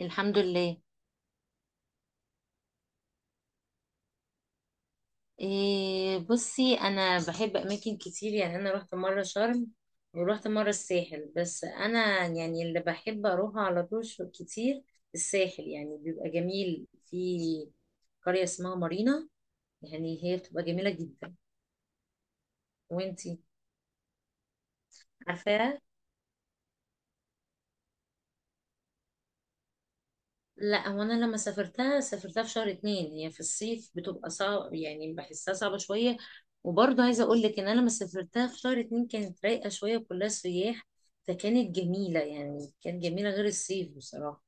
الحمد لله. إيه، بصي انا بحب اماكن كتير، يعني انا رحت مره شرم ورحت مره الساحل، بس انا يعني اللي بحب اروحه على طول كتير الساحل، يعني بيبقى جميل في قريه اسمها مارينا، يعني هي بتبقى جميله جدا. وانتي عارفاها؟ لا هو انا لما سافرتها سافرتها في شهر 2، هي في الصيف بتبقى صعب، يعني بحسها صعبة شوية. وبرضه عايزة اقول لك ان انا لما سافرتها في شهر اتنين كانت رايقة شوية، كلها سياح، فكانت جميلة، يعني كانت جميلة غير الصيف بصراحة.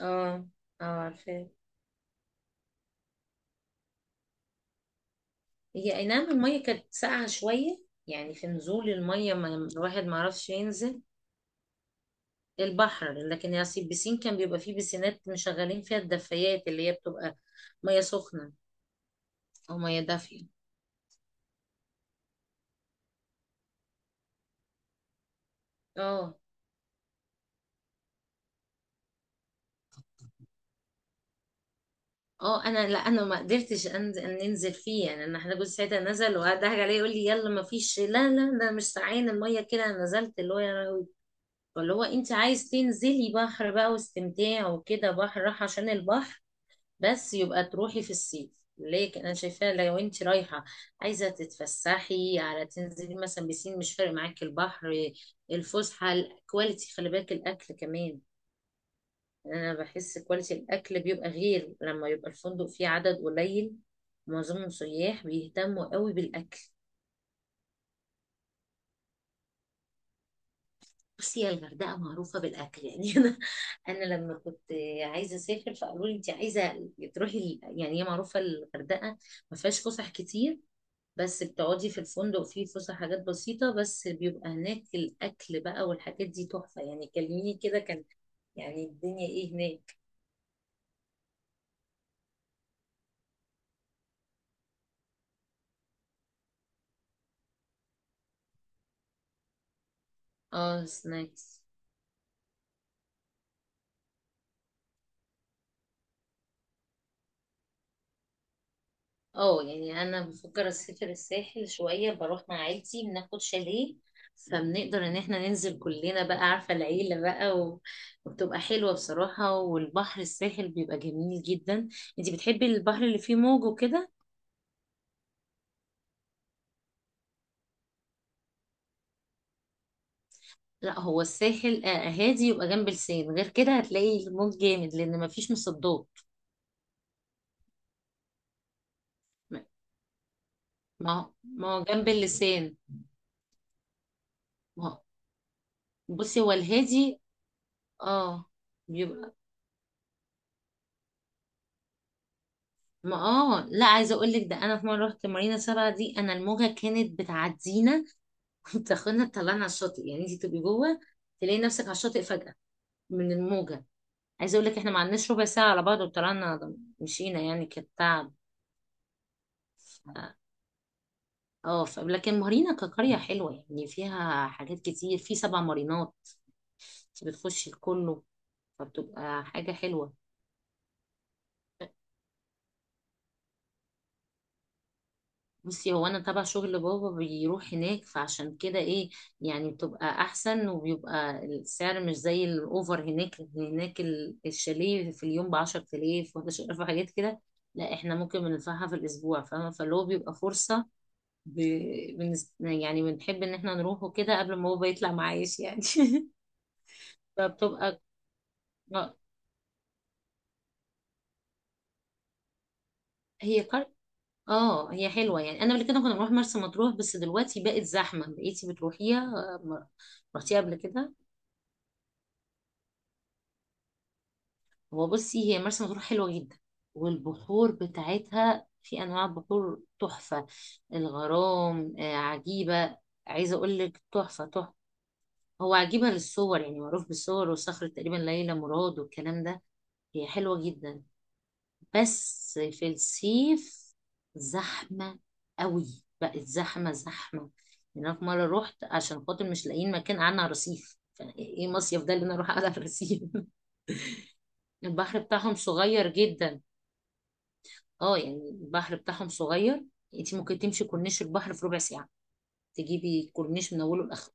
اه، اه عارفاه. هي اي نعم المية كانت ساقعة شوية، يعني في نزول المية، ما الواحد ما عرفش ينزل البحر، لكن يعني البسين كان بيبقى فيه بسينات مشغلين فيها الدفايات، اللي هي بتبقى مية سخنة او مية دافية. اه، اه انا ما قدرتش انزل ننزل فيه، يعني انا احنا جوز ساعتها نزل وضحك عليه يقول لي يلا، ما فيش، لا لا ده مش ساعين الميه كده، أنا نزلت اللي هو يا لهوي. فاللي هو انت عايز تنزلي بحر بقى واستمتاع وكده بحر، راح عشان البحر بس، يبقى تروحي في الصيف. لكن انا شايفاه لو انت رايحه عايزه تتفسحي على تنزلي مثلا بسين، مش فارق معاكي البحر. الفسحه الكواليتي، خلي بالك الاكل كمان، انا بحس كواليتي الاكل بيبقى غير لما يبقى الفندق فيه عدد قليل معظمهم سياح بيهتموا قوي بالاكل. بصي يا الغردقه معروفه بالاكل يعني، انا لما كنت عايزه اسافر فقالوا لي انت عايزه تروحي يعني هي معروفه الغردقه، ما فيهاش فسح كتير، بس بتقعدي في الفندق فيه فسح، حاجات بسيطه، بس بيبقى هناك الاكل بقى والحاجات دي تحفه، يعني كلميني كده، كان يعني الدنيا ايه هناك. اه سناكس. اه يعني انا بفكر اسافر الساحل شويه، بروح مع عيلتي، بناخد شاليه، فبنقدر ان احنا ننزل كلنا بقى، عارفه العيله بقى وبتبقى حلوه بصراحه، والبحر الساحل بيبقى جميل جدا. انتي بتحبي البحر اللي فيه موج وكده؟ لا هو الساحل هادي يبقى جنب لسان، غير كده هتلاقي الموج جامد لان مفيش مصدات. ما ما هو جنب اللسان. ما هو بصي هو الهادي. اه بيبقى ما اه لا، عايزه اقول لك ده انا في مره رحت مارينا 7 دي، انا الموجه كانت بتعدينا وبتاخدنا تطلعنا على الشاطئ، يعني انت تبقي جوه تلاقي نفسك على الشاطئ فجاه من الموجه. عايزه اقول لك احنا ما عندناش ربع ساعة على بعض وطلعنا مشينا، يعني كانت تعب. ف- لكن مارينا كقريه حلوه، يعني فيها حاجات كتير، في 7 مارينات انت بتخشي لكله، فبتبقى حاجه حلوه. بصي هو انا تبع شغل بابا بيروح هناك، فعشان كده ايه يعني بتبقى احسن، وبيبقى السعر مش زي الاوفر هناك. هناك الشاليه في اليوم ب 10000 و11000 وحاجات كده، لا احنا ممكن بندفعها في الاسبوع، فاهمه؟ فاللي هو بيبقى فرصه ب... يعني بنحب ان احنا نروحه كده قبل ما بابا يطلع معايش يعني. فبتبقى آه، هي كار... اه هي حلوه. يعني انا قبل كده كنا بنروح مرسى مطروح، بس دلوقتي بقت زحمه. بقيتي بتروحيها رحتيها قبل كده؟ هو بصي هي مرسى مطروح حلوة جدا، والبحور بتاعتها في أنواع بحور تحفة، الغرام عجيبة. عايزة أقول لك تحفة تحفة. هو عجيبة للصور، يعني معروف بالصور وصخرة تقريبا ليلى مراد والكلام ده. هي حلوة جدا بس في الصيف زحمة قوي، بقت زحمة زحمة. يعني أنا في مرة رحت عشان خاطر مش لاقيين مكان قعدنا على الرصيف، فإيه مصيف ده اللي أنا أروح أقعد على الرصيف؟ البحر بتاعهم صغير جدا، اه يعني البحر بتاعهم صغير، انت ممكن تمشي كورنيش البحر في ربع ساعة، تجيبي الكورنيش من اوله لاخره،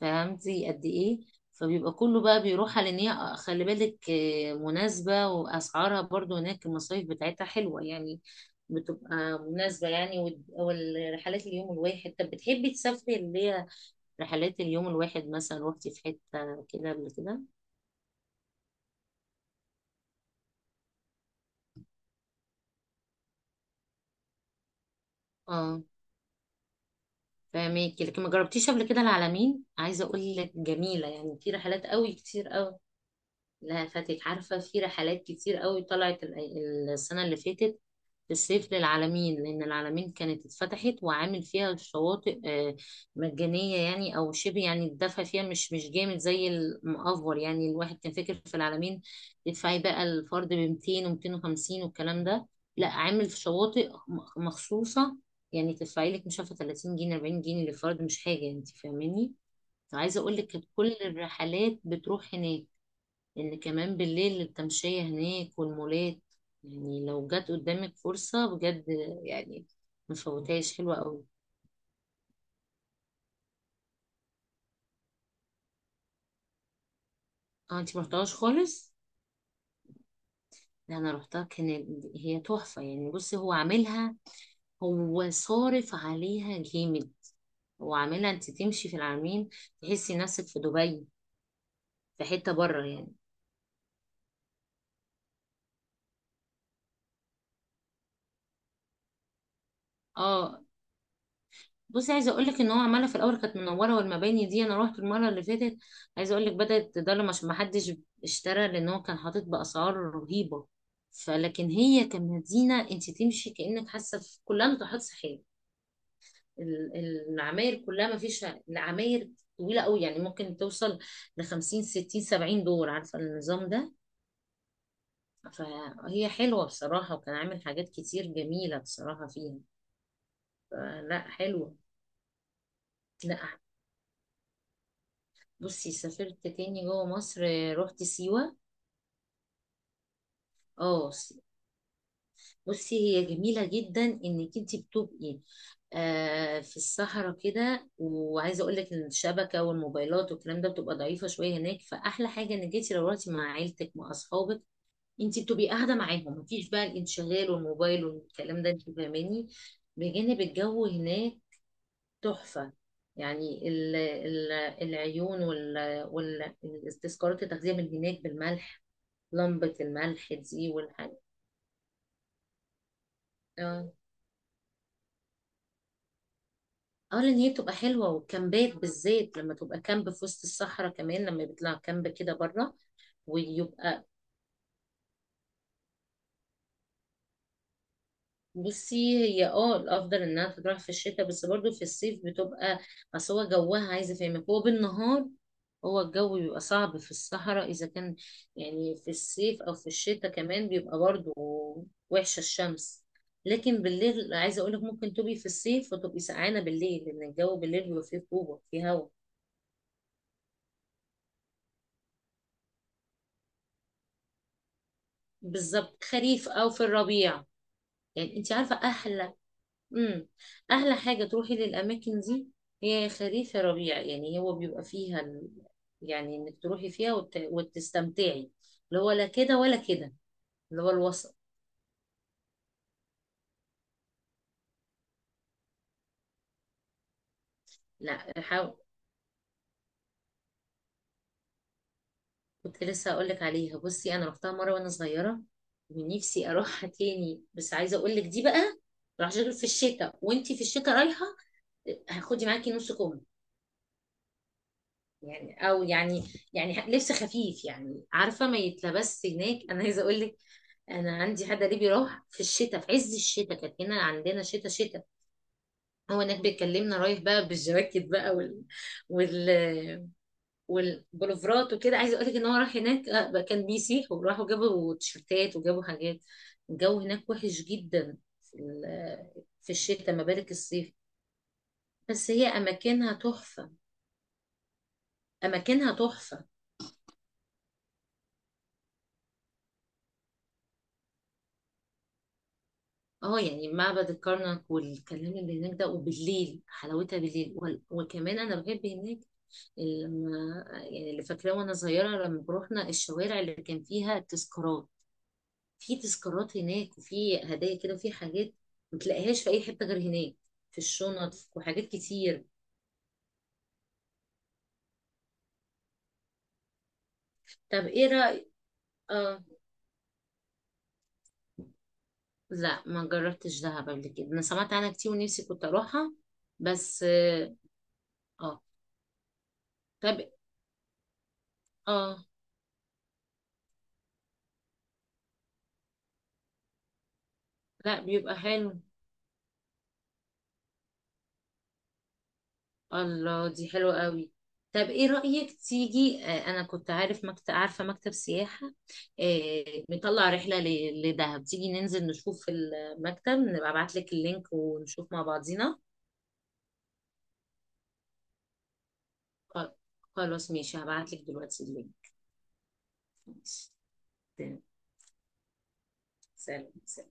فهمتي قد ايه؟ فبيبقى كله بقى بيروح على ان هي، خلي بالك مناسبة واسعارها برضو هناك، المصايف بتاعتها حلوة يعني، بتبقى مناسبة يعني. والرحلات اليوم الواحد، طب بتحبي تسافري اللي هي رحلات اليوم الواحد؟ مثلا روحتي في حتة كده قبل كده؟ اه فاهمك. لكن ما جربتيش قبل كده العلمين؟ عايزة اقول لك جميلة، يعني في رحلات قوي كتير قوي. لا فاتك؟ عارفة في رحلات كتير قوي طلعت السنة اللي فاتت في الصيف للعلمين، لأن العلمين كانت اتفتحت وعامل فيها الشواطئ مجانية يعني أو شبه، يعني الدفع فيها مش جامد زي المأفور. يعني الواحد كان فاكر في العلمين تدفعي بقى الفرد ب 200 و250 والكلام ده، لا عامل في شواطئ مخصوصة، يعني تدفعي لك مش عارفة 30 جنيه 40 جنيه للفرد، مش حاجة، انت فاهماني. عايزة اقول لك كانت كل الرحلات بتروح هناك، لأن كمان بالليل التمشية هناك والمولات، يعني لو جت قدامك فرصة بجد يعني مفوتهاش، حلوة قوي. اه انتي مرحتهاش خالص؟ لا انا رحتها كانت هي تحفة. يعني بصي هو عاملها، هو صارف عليها جامد. هو عاملها انت تمشي في العالمين تحسي نفسك في دبي، في حتة بره يعني. اه بصي عايزه اقول لك ان هو عماله، في الاول كانت منوره والمباني دي، انا رحت المره اللي فاتت، عايزه اقول لك بدات تضلم عشان ما حدش اشترى، لان هو كان حاطط باسعار رهيبه. فلكن هي كمدينه انت تمشي كانك حاسه في كلها ناطحات سحاب، ال- العماير كلها، ما فيش العماير طويله قوي يعني، ممكن توصل ل 50 60 70 دور، عارفه النظام ده؟ فهي حلوه بصراحه، وكان عامل حاجات كتير جميله بصراحه فيها، فلا حلوه. لا بصي سافرت تاني جوه مصر رحت سيوة. اه س- بصي هي جميلة جدا، انك انت بتبقي آه في الصحراء كده، وعايزة اقول لك ان الشبكة والموبايلات والكلام ده بتبقى ضعيفة شوية هناك، فاحلى حاجة انك انت لو رحتي مع عيلتك مع اصحابك انت بتبقي قاعدة معاهم، مفيش بقى الانشغال والموبايل والكلام ده، انت فاهماني، بجانب الجو هناك تحفة. يعني العيون التذكارات، التغذية من هناك بالملح، لمبة الملح دي والحاجة. اه، اه لان هي بتبقى حلوة والكامبات بالذات، لما تبقى كامب في وسط الصحراء كمان لما بيطلع كامب كده بره ويبقى. بصي هي اه الافضل انها تروح في الشتاء، بس برضو في الصيف بتبقى، اصل هو جوها عايزة افهمك هو بالنهار، هو الجو بيبقى صعب في الصحراء اذا كان يعني في الصيف، او في الشتاء كمان بيبقى برضو وحشة الشمس. لكن بالليل عايزه اقول لك ممكن تبقي في الصيف وتبقي سقعانه بالليل، لان الجو بالليل بيبقى فيه رطوبه، فيه هوا. بالظبط خريف او في الربيع. يعني انت عارفه احلى، امم احلى حاجه تروحي للاماكن دي، هي خريف يا ربيع، يعني هو بيبقى فيها يعني انك تروحي فيها وتستمتعي، اللي هو لا كده ولا كده، اللي هو الوسط. لا حاول، كنت لسه هقول لك عليها. بصي انا رحتها مره وانا صغيره، ونفسي اروحها تاني، بس عايزه اقول لك دي بقى، راح في الشتاء وانت في الشتاء رايحه هاخدي معاكي نص كم، يعني او يعني يعني لبس خفيف، يعني عارفه ما يتلبس هناك. انا عايزه اقول لك انا عندي حد قريبي راح في الشتاء في عز الشتاء، كانت هنا عندنا شتاء شتاء، هو هناك بيكلمنا رايح بقى بالجواكت بقى وال والبلوفرات وكده، عايزه اقول لك ان هو راح هناك بقى كان بيسيح، وراحوا جابوا تيشرتات وجابوا حاجات، الجو هناك وحش جدا في في الشتاء، ما بالك الصيف. بس هي اماكنها تحفه، اماكنها تحفه. اه يعني معبد الكرنك والكلام اللي هناك ده، وبالليل حلاوتها بالليل. وكمان انا بحب هناك لما يعني، اللي فاكراه وانا صغيره لما بروحنا الشوارع اللي كان فيها تذكارات، في تذكارات هناك وفي هدايا كده وفي حاجات ما تلاقيهاش في اي حته غير هناك، في الشنط وحاجات كتير. طب ايه رايك؟ اه لا ما جربتش دهب قبل كده، انا سمعت عنها كتير ونفسي كنت اروحها، بس اه آه. طب اه لا بيبقى حلو، الله دي حلوة قوي. طب ايه رأيك تيجي انا كنت عارف مكتب عارفة مكتب سياحة مطلع رحلة لدهب، تيجي ننزل نشوف المكتب، نبقى ابعت لك اللينك ونشوف مع بعضينا؟ خ- خلاص ماشي، هبعت لك دلوقتي اللينك. ماشي. تمام. سلام سلام.